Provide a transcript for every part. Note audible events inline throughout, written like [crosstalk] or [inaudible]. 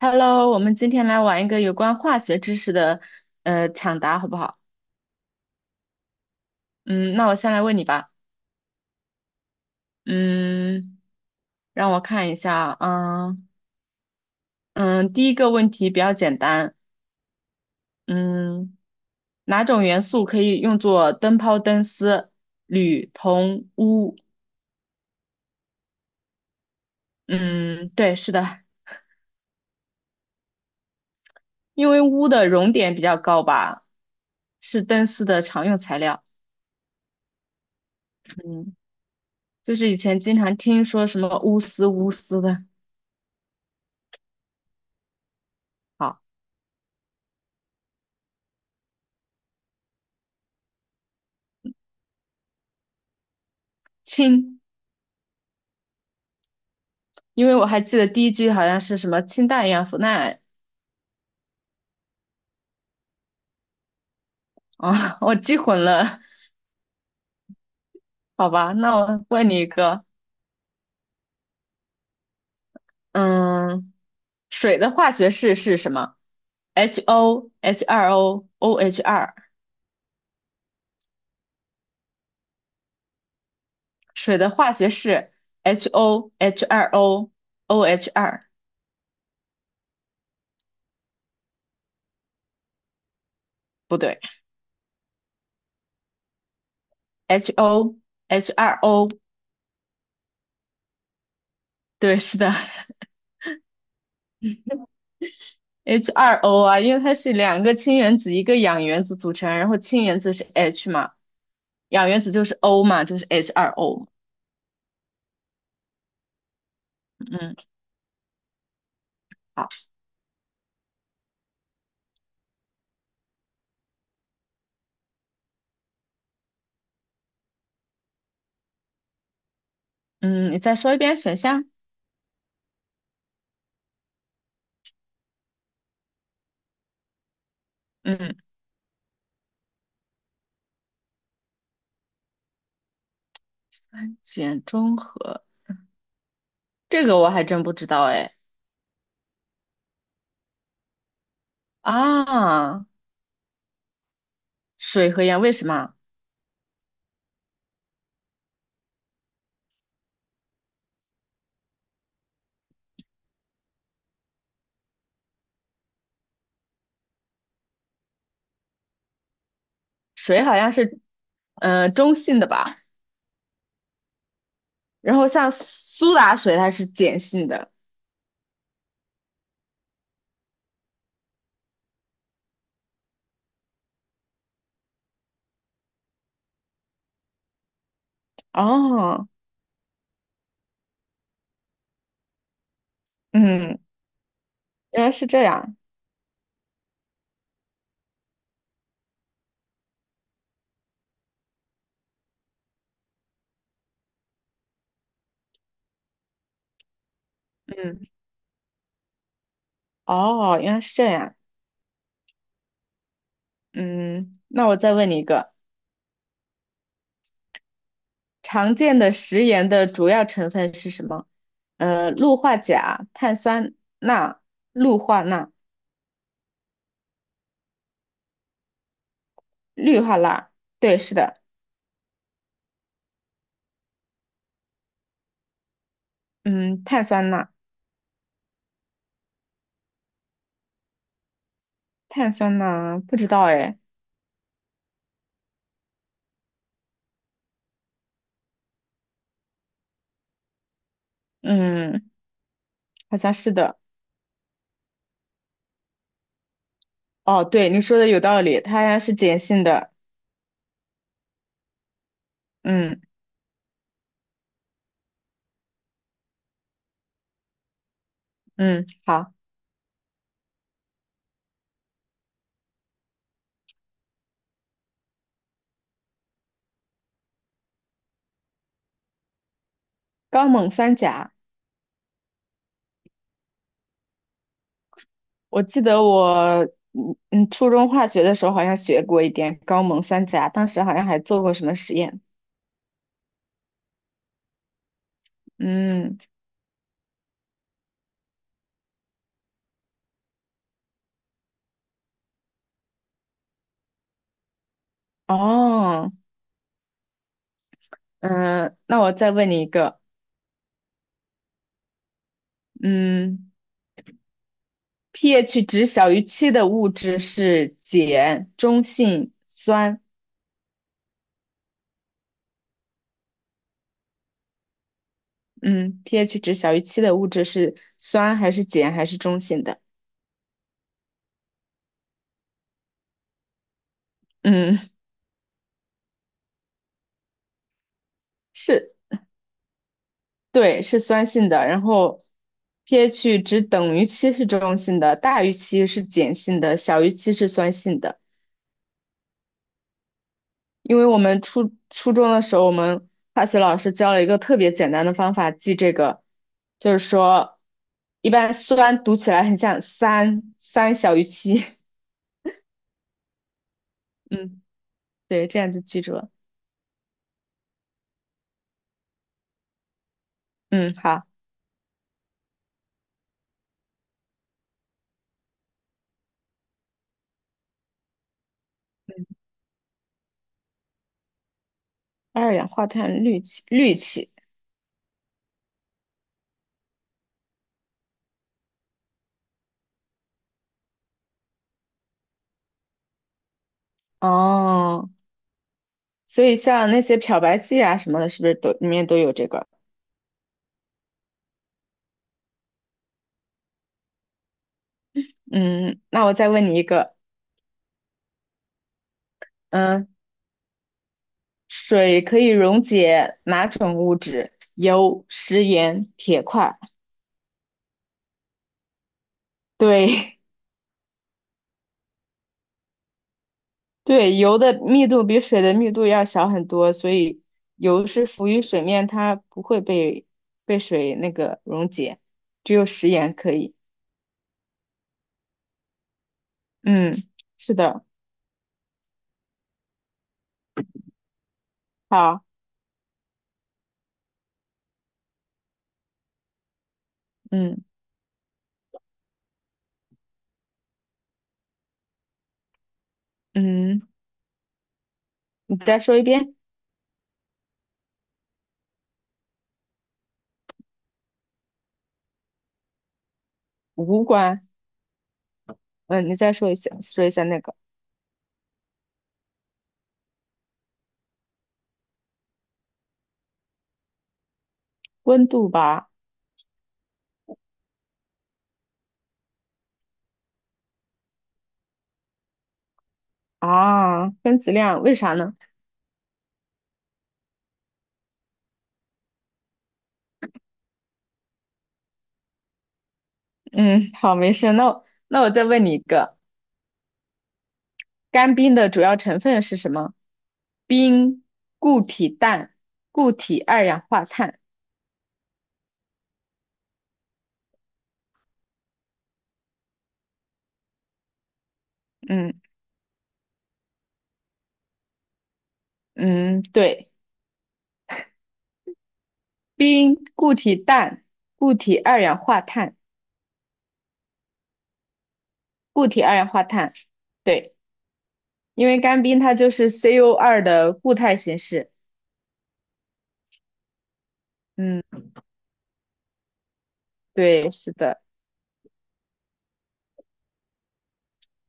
Hello，我们今天来玩一个有关化学知识的抢答，好不好？嗯，那我先来问你吧。嗯，让我看一下啊。嗯嗯，第一个问题比较简单。嗯，哪种元素可以用作灯泡、灯丝、铝、铜、钨？嗯，对，是的，因为钨的熔点比较高吧，是灯丝的常用材料。嗯，就是以前经常听说什么钨丝、钨丝的。好，氢。因为我还记得第一句好像是什么"氢氮氧氟钠，啊，[laughs] 我记混了。好吧，那我问你一个，嗯，水的化学式是什么？HO、H2O、o h 二 o o h 二，水的化学式 HO、h 二 o o h 二，不对，HO、h 二 o 对，是的 h 二 o 啊，因为它是两个氢原子一个氧原子组成，然后氢原子是 H 嘛，氧原子就是 O 嘛，就是 h 二 o 嗯。好。嗯，你再说一遍选项。嗯，碱中和，这个我还真不知道哎。啊，水和盐为什么？水好像是中性的吧，然后像苏打水它是碱性的。哦，嗯，原来是这样。嗯，哦，原来是这样。嗯，那我再问你一个，常见的食盐的主要成分是什么？氯化钾、碳酸钠、氯化钠、氯化钠。对，是的。嗯，碳酸钠，碳酸钠不知道哎，嗯，好像是的。哦，对，你说的有道理，它是碱性的。嗯嗯，好，高锰酸钾，我记得我初中化学的时候好像学过一点高锰酸钾，当时好像还做过什么实验。嗯，哦，嗯，那我再问你一个，嗯，pH 值小于七的物质是碱、中性酸。嗯，pH 值小于七的物质是酸还是碱还是中性的？嗯，是，对，是酸性的。然后 pH 值等于七是中性的，大于七是碱性的，小于七是酸性的。因为我们初中的时候，我们化学老师教了一个特别简单的方法记这个，就是说，一般酸读起来很像三，三小于七。[laughs] 嗯，对，这样就记住了。嗯，好，二氧化碳氯气，氯气。哦，所以像那些漂白剂啊什么的，是不是都里面都有这个？嗯，那我再问你一个，嗯，水可以溶解哪种物质？油、食盐、铁块。对 [laughs] 对，油的密度比水的密度要小很多，所以油是浮于水面，它不会被被水那个溶解，只有食盐可以。嗯，是的，好，嗯嗯，你再说一遍，无关。嗯，你再说一下，说一下那个温度吧。啊，分子量，为啥呢？嗯，好，没事。那我那我再问你一个，干冰的主要成分是什么？冰、固体氮、固体二氧化碳。嗯嗯，对，冰、固体氮、固体二氧化碳、固体二氧化碳。对，因为干冰它就是 c o 二的固态形式。嗯，对，是的。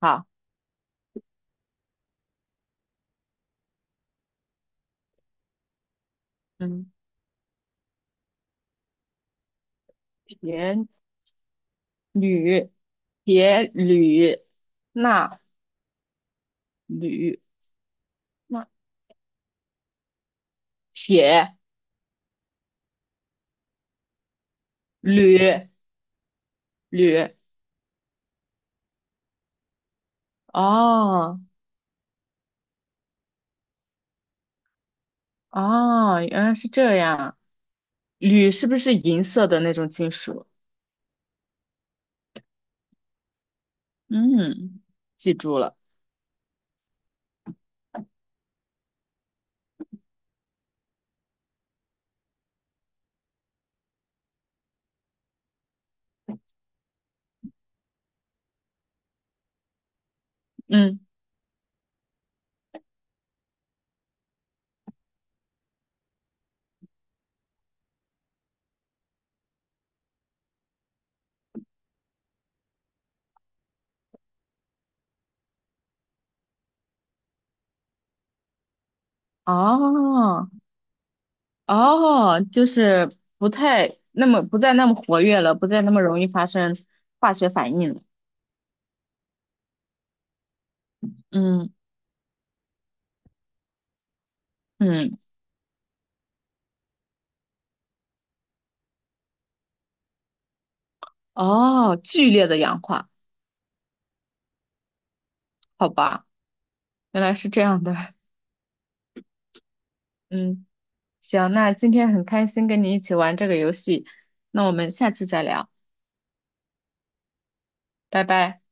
好，嗯，原铝、铁、铝、钠、铝、钠、铁、铝、铝。哦哦，原来是这样。铝是不是银色的那种金属？嗯，记住了。嗯，哦哦，就是不再那么活跃了，不再那么容易发生化学反应了。嗯嗯，哦，剧烈的氧化，好吧，原来是这样的。[laughs] 嗯。行，那今天很开心跟你一起玩这个游戏，那我们下次再聊，拜拜。